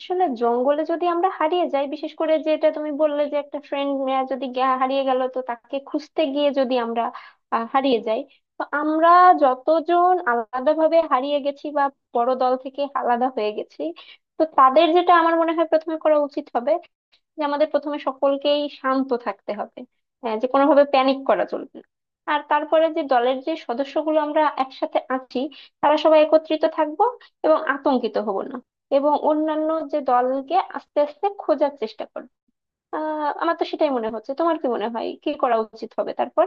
আসলে জঙ্গলে যদি আমরা হারিয়ে যাই, বিশেষ করে যেটা তুমি বললে যে একটা ফ্রেন্ড যদি হারিয়ে গেল তো তাকে খুঁজতে গিয়ে যদি আমরা হারিয়ে যাই, তো আমরা যতজন আলাদাভাবে হারিয়ে গেছি বা বড় দল থেকে আলাদা হয়ে গেছি, তো তাদের যেটা আমার মনে হয় প্রথমে করা উচিত হবে যে আমাদের প্রথমে সকলকেই শান্ত থাকতে হবে, যে কোনোভাবে প্যানিক করা চলবে না। আর তারপরে যে দলের যে সদস্যগুলো আমরা একসাথে আছি, তারা সবাই একত্রিত থাকব এবং আতঙ্কিত হব না, এবং অন্যান্য যে দলকে আস্তে আস্তে খোঁজার চেষ্টা করব। আমার তো সেটাই মনে হচ্ছে, তোমার কি মনে হয় কি করা উচিত হবে তারপর?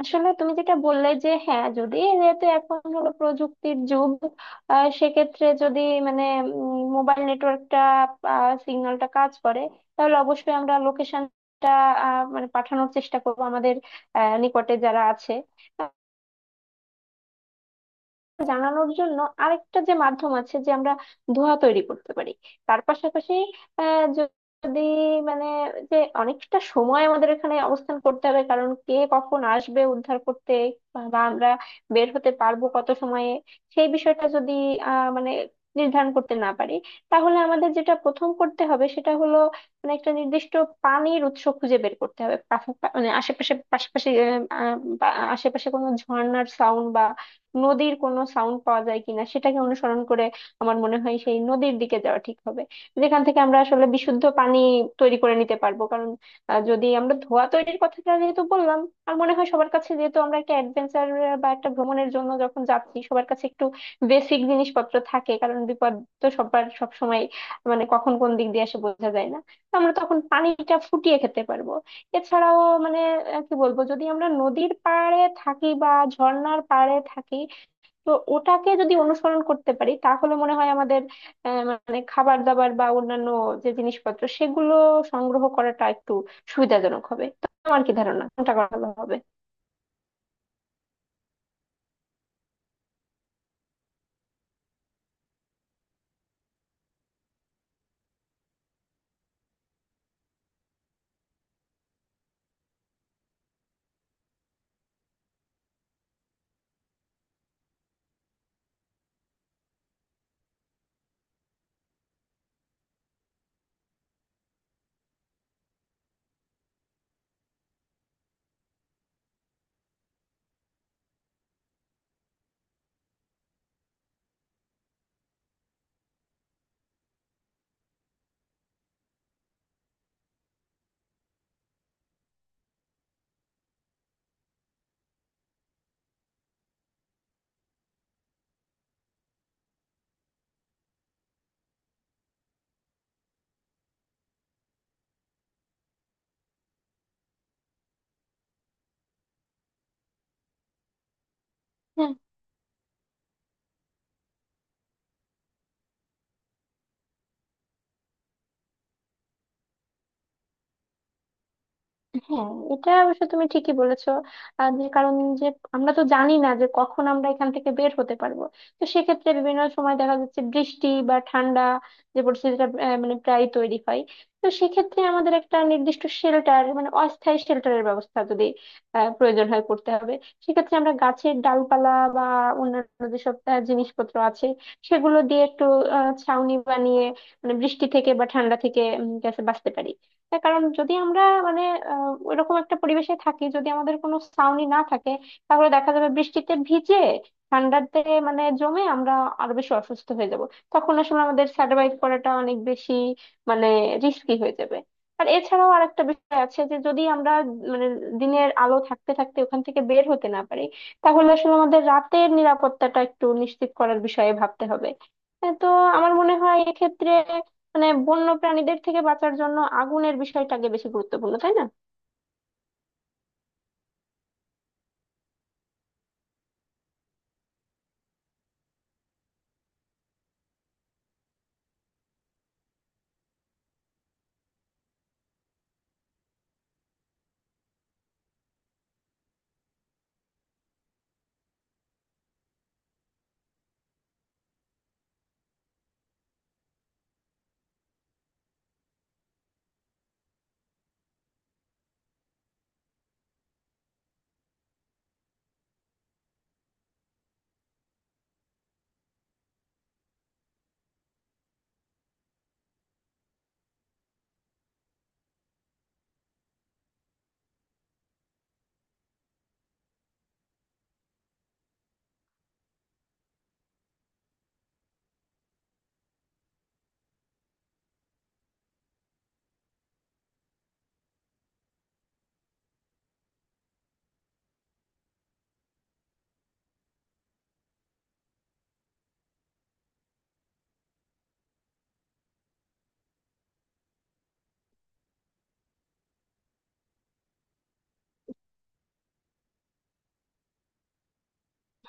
আসলে তুমি যেটা বললে যে হ্যাঁ, যদি যেহেতু এখন হলো প্রযুক্তির যুগ, সেক্ষেত্রে যদি মানে মোবাইল নেটওয়ার্কটা সিগন্যালটা কাজ করে, তাহলে অবশ্যই আমরা লোকেশনটা পাঠানোর চেষ্টা করব আমাদের নিকটে যারা আছে জানানোর জন্য। আরেকটা যে মাধ্যম আছে যে আমরা ধোঁয়া তৈরি করতে পারি। তার পাশাপাশি, আহ, য- যদি মানে যে অনেকটা সময় আমাদের এখানে অবস্থান করতে হবে, কারণ কে কখন আসবে উদ্ধার করতে বা বা আমরা বের হতে পারবো কত সময়ে সেই বিষয়টা যদি আহ মানে নির্ধারণ করতে না পারি, তাহলে আমাদের যেটা প্রথম করতে হবে সেটা হলো একটা নির্দিষ্ট পানির উৎস খুঁজে বের করতে হবে। মানে আশেপাশে, পাশাপাশি, আহ, আহ, বা আশেপাশে কোনো ঝর্ণার সাউন্ড বা নদীর কোনো সাউন্ড পাওয়া যায় কিনা সেটাকে অনুসরণ করে আমার মনে হয় সেই নদীর দিকে যাওয়া ঠিক হবে, যেখান থেকে আমরা আসলে বিশুদ্ধ পানি তৈরি করে নিতে পারবো। কারণ যদি আমরা ধোঁয়া তৈরির কথাটা যেহেতু বললাম, আর মনে হয় সবার কাছে যেহেতু আমরা একটা অ্যাডভেঞ্চার বা একটা ভ্রমণের জন্য যখন যাচ্ছি, সবার কাছে একটু বেসিক জিনিসপত্র থাকে, কারণ বিপদ তো সবার সব সময় কখন কোন দিক দিয়ে এসে বোঝা যায় না। তো আমরা তখন পানিটা ফুটিয়ে খেতে পারবো। এছাড়াও, মানে কি বলবো, যদি আমরা নদীর পাড়ে থাকি বা ঝর্ণার পাড়ে থাকি, তো ওটাকে যদি অনুসরণ করতে পারি তাহলে মনে হয় আমাদের আহ, মানে খাবার দাবার বা অন্যান্য যে জিনিসপত্র সেগুলো সংগ্রহ করাটা একটু সুবিধাজনক হবে। তো আমার কি ধারণা, কোনটা করা ভালো হবে? হ্যাঁ, এটা অবশ্য তুমি ঠিকই বলেছো। আর যে কারণ যে আমরা তো জানি না যে কখন আমরা এখান থেকে বের হতে পারবো, তো সেক্ষেত্রে বিভিন্ন সময় দেখা যাচ্ছে বৃষ্টি বা ঠান্ডা যে পরিস্থিতিটা আহ, মানে প্রায় তৈরি হয়। তো সেক্ষেত্রে আমাদের একটা নির্দিষ্ট শেল্টার, মানে অস্থায়ী শেল্টারের ব্যবস্থা যদি প্রয়োজন হয় করতে হবে। সেক্ষেত্রে আমরা গাছের ডালপালা বা অন্যান্য যেসব জিনিসপত্র আছে সেগুলো দিয়ে একটু ছাউনি বানিয়ে মানে বৃষ্টি থেকে বা ঠান্ডা থেকে যাতে বাঁচতে পারি। তার কারণ যদি আমরা মানে ওইরকম একটা পরিবেশে থাকি, যদি আমাদের কোনো ছাউনি না থাকে, তাহলে দেখা যাবে বৃষ্টিতে ভিজে, ঠান্ডাতে মানে জমে আমরা আরো বেশি অসুস্থ হয়ে যাব। তখন আসলে আমাদের সার্ভাইভ করাটা অনেক বেশি মানে রিস্কি হয়ে যাবে। আর এছাড়াও আর একটা বিষয় আছে যে যদি আমরা মানে দিনের আলো থাকতে থাকতে ওখান থেকে বের হতে না পারি, তাহলে আসলে আমাদের রাতের নিরাপত্তাটা একটু নিশ্চিত করার বিষয়ে ভাবতে হবে। হ্যাঁ, তো আমার মনে হয় এক্ষেত্রে মানে বন্য প্রাণীদের থেকে বাঁচার জন্য আগুনের বিষয়টাকে বেশি গুরুত্বপূর্ণ, তাই না?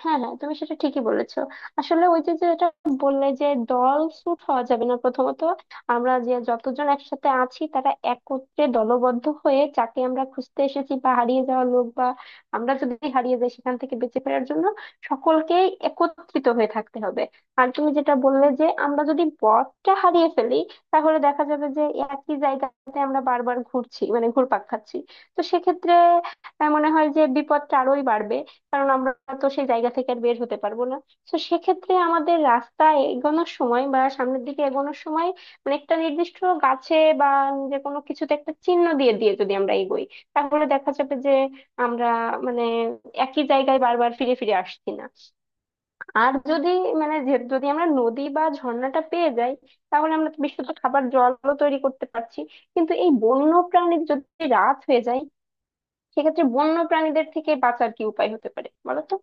হ্যাঁ, হ্যাঁ, তুমি সেটা ঠিকই বলেছো। আসলে ওই যে যেটা বললে যে দল সুট হওয়া যাবে না, প্রথমত আমরা যে যতজন একসাথে আছি তারা একত্রে দলবদ্ধ হয়ে, যাকে আমরা খুঁজতে এসেছি বা হারিয়ে যাওয়া লোক বা আমরা যদি হারিয়ে যাই সেখান থেকে বেঁচে ফেরার জন্য সকলকেই একত্রিত হয়ে থাকতে হবে। আর তুমি যেটা বললে যে আমরা যদি পথটা হারিয়ে ফেলি, তাহলে দেখা যাবে যে একই জায়গাতে আমরা বারবার ঘুরছি, মানে ঘুরপাক খাচ্ছি। তো সেক্ষেত্রে মনে হয় যে বিপদটা আরোই বাড়বে, কারণ আমরা তো সেই জায়গা থেকে আর বের হতে পারবো না। তো সেক্ষেত্রে আমাদের রাস্তা এগোনোর সময় বা সামনের দিকে এগোনোর সময় একটা নির্দিষ্ট গাছে বা যে কোনো কিছুতে একটা চিহ্ন দিয়ে দিয়ে যদি আমরা এগোই, তাহলে দেখা যাবে যে আমরা মানে একই জায়গায় বারবার ফিরে ফিরে আসছি না। আর যদি যদি আমরা নদী বা ঝর্ণাটা পেয়ে যাই, তাহলে আমরা তো বিশুদ্ধ খাবার জলও তৈরি করতে পারছি। কিন্তু এই বন্য প্রাণীর, যদি রাত হয়ে যায়, সেক্ষেত্রে বন্য প্রাণীদের থেকে বাঁচার কি উপায় হতে পারে বলো তো?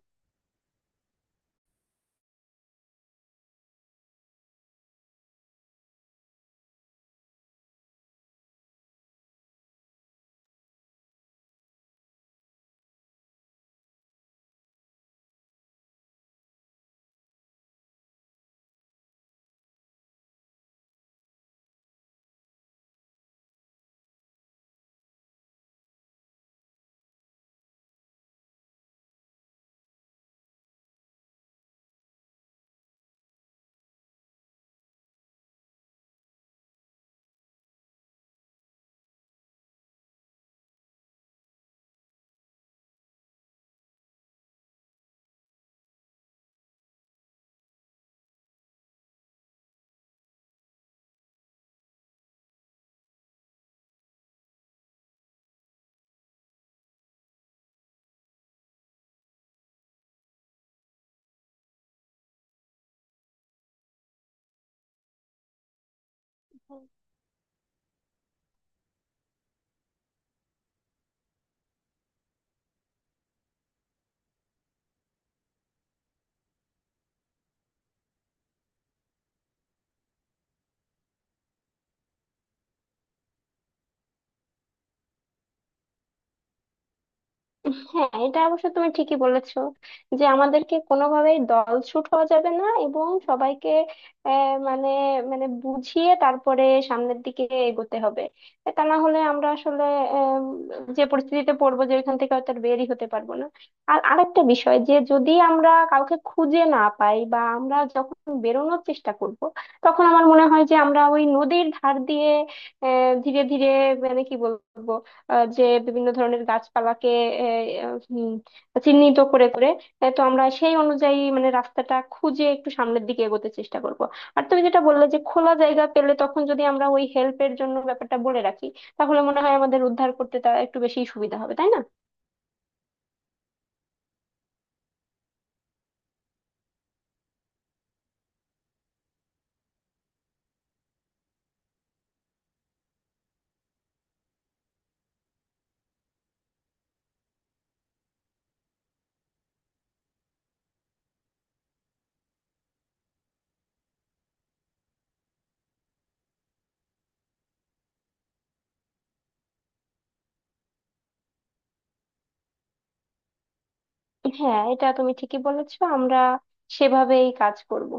হ্যাঁ, এটা অবশ্য তুমি ঠিকই বলেছো যে আমাদেরকে কোনোভাবেই দল ছুট হওয়া যাবে না, এবং সবাইকে আহ, মানে মানে বুঝিয়ে তারপরে সামনের দিকে এগোতে হবে। তা না হলে আমরা আসলে আম, যে পরিস্থিতিতে পড়বো যে ওইখান থেকে হয়তো আর বেরই হতে পারবো না। আর আরেকটা বিষয় যে যদি আমরা কাউকে খুঁজে না পাই বা আমরা যখন বেরোনোর চেষ্টা করব, তখন আমার মনে হয় যে আমরা ওই নদীর ধার দিয়ে ধীরে ধীরে কি বলবো, যে বিভিন্ন ধরনের গাছপালাকে আহ, উম, চিহ্নিত করে করে, তো আমরা সেই অনুযায়ী মানে রাস্তাটা খুঁজে একটু সামনের দিকে এগোতে চেষ্টা করব। আর তুমি যেটা বললে যে খোলা জায়গা পেলে তখন যদি আমরা ওই হেল্পের জন্য ব্যাপারটা বলে রাখি, তাহলে মনে হয় আমাদের উদ্ধার করতে তা একটু বেশি সুবিধা হবে, তাই না? হ্যাঁ, এটা তুমি ঠিকই বলেছো, আমরা সেভাবেই কাজ করব।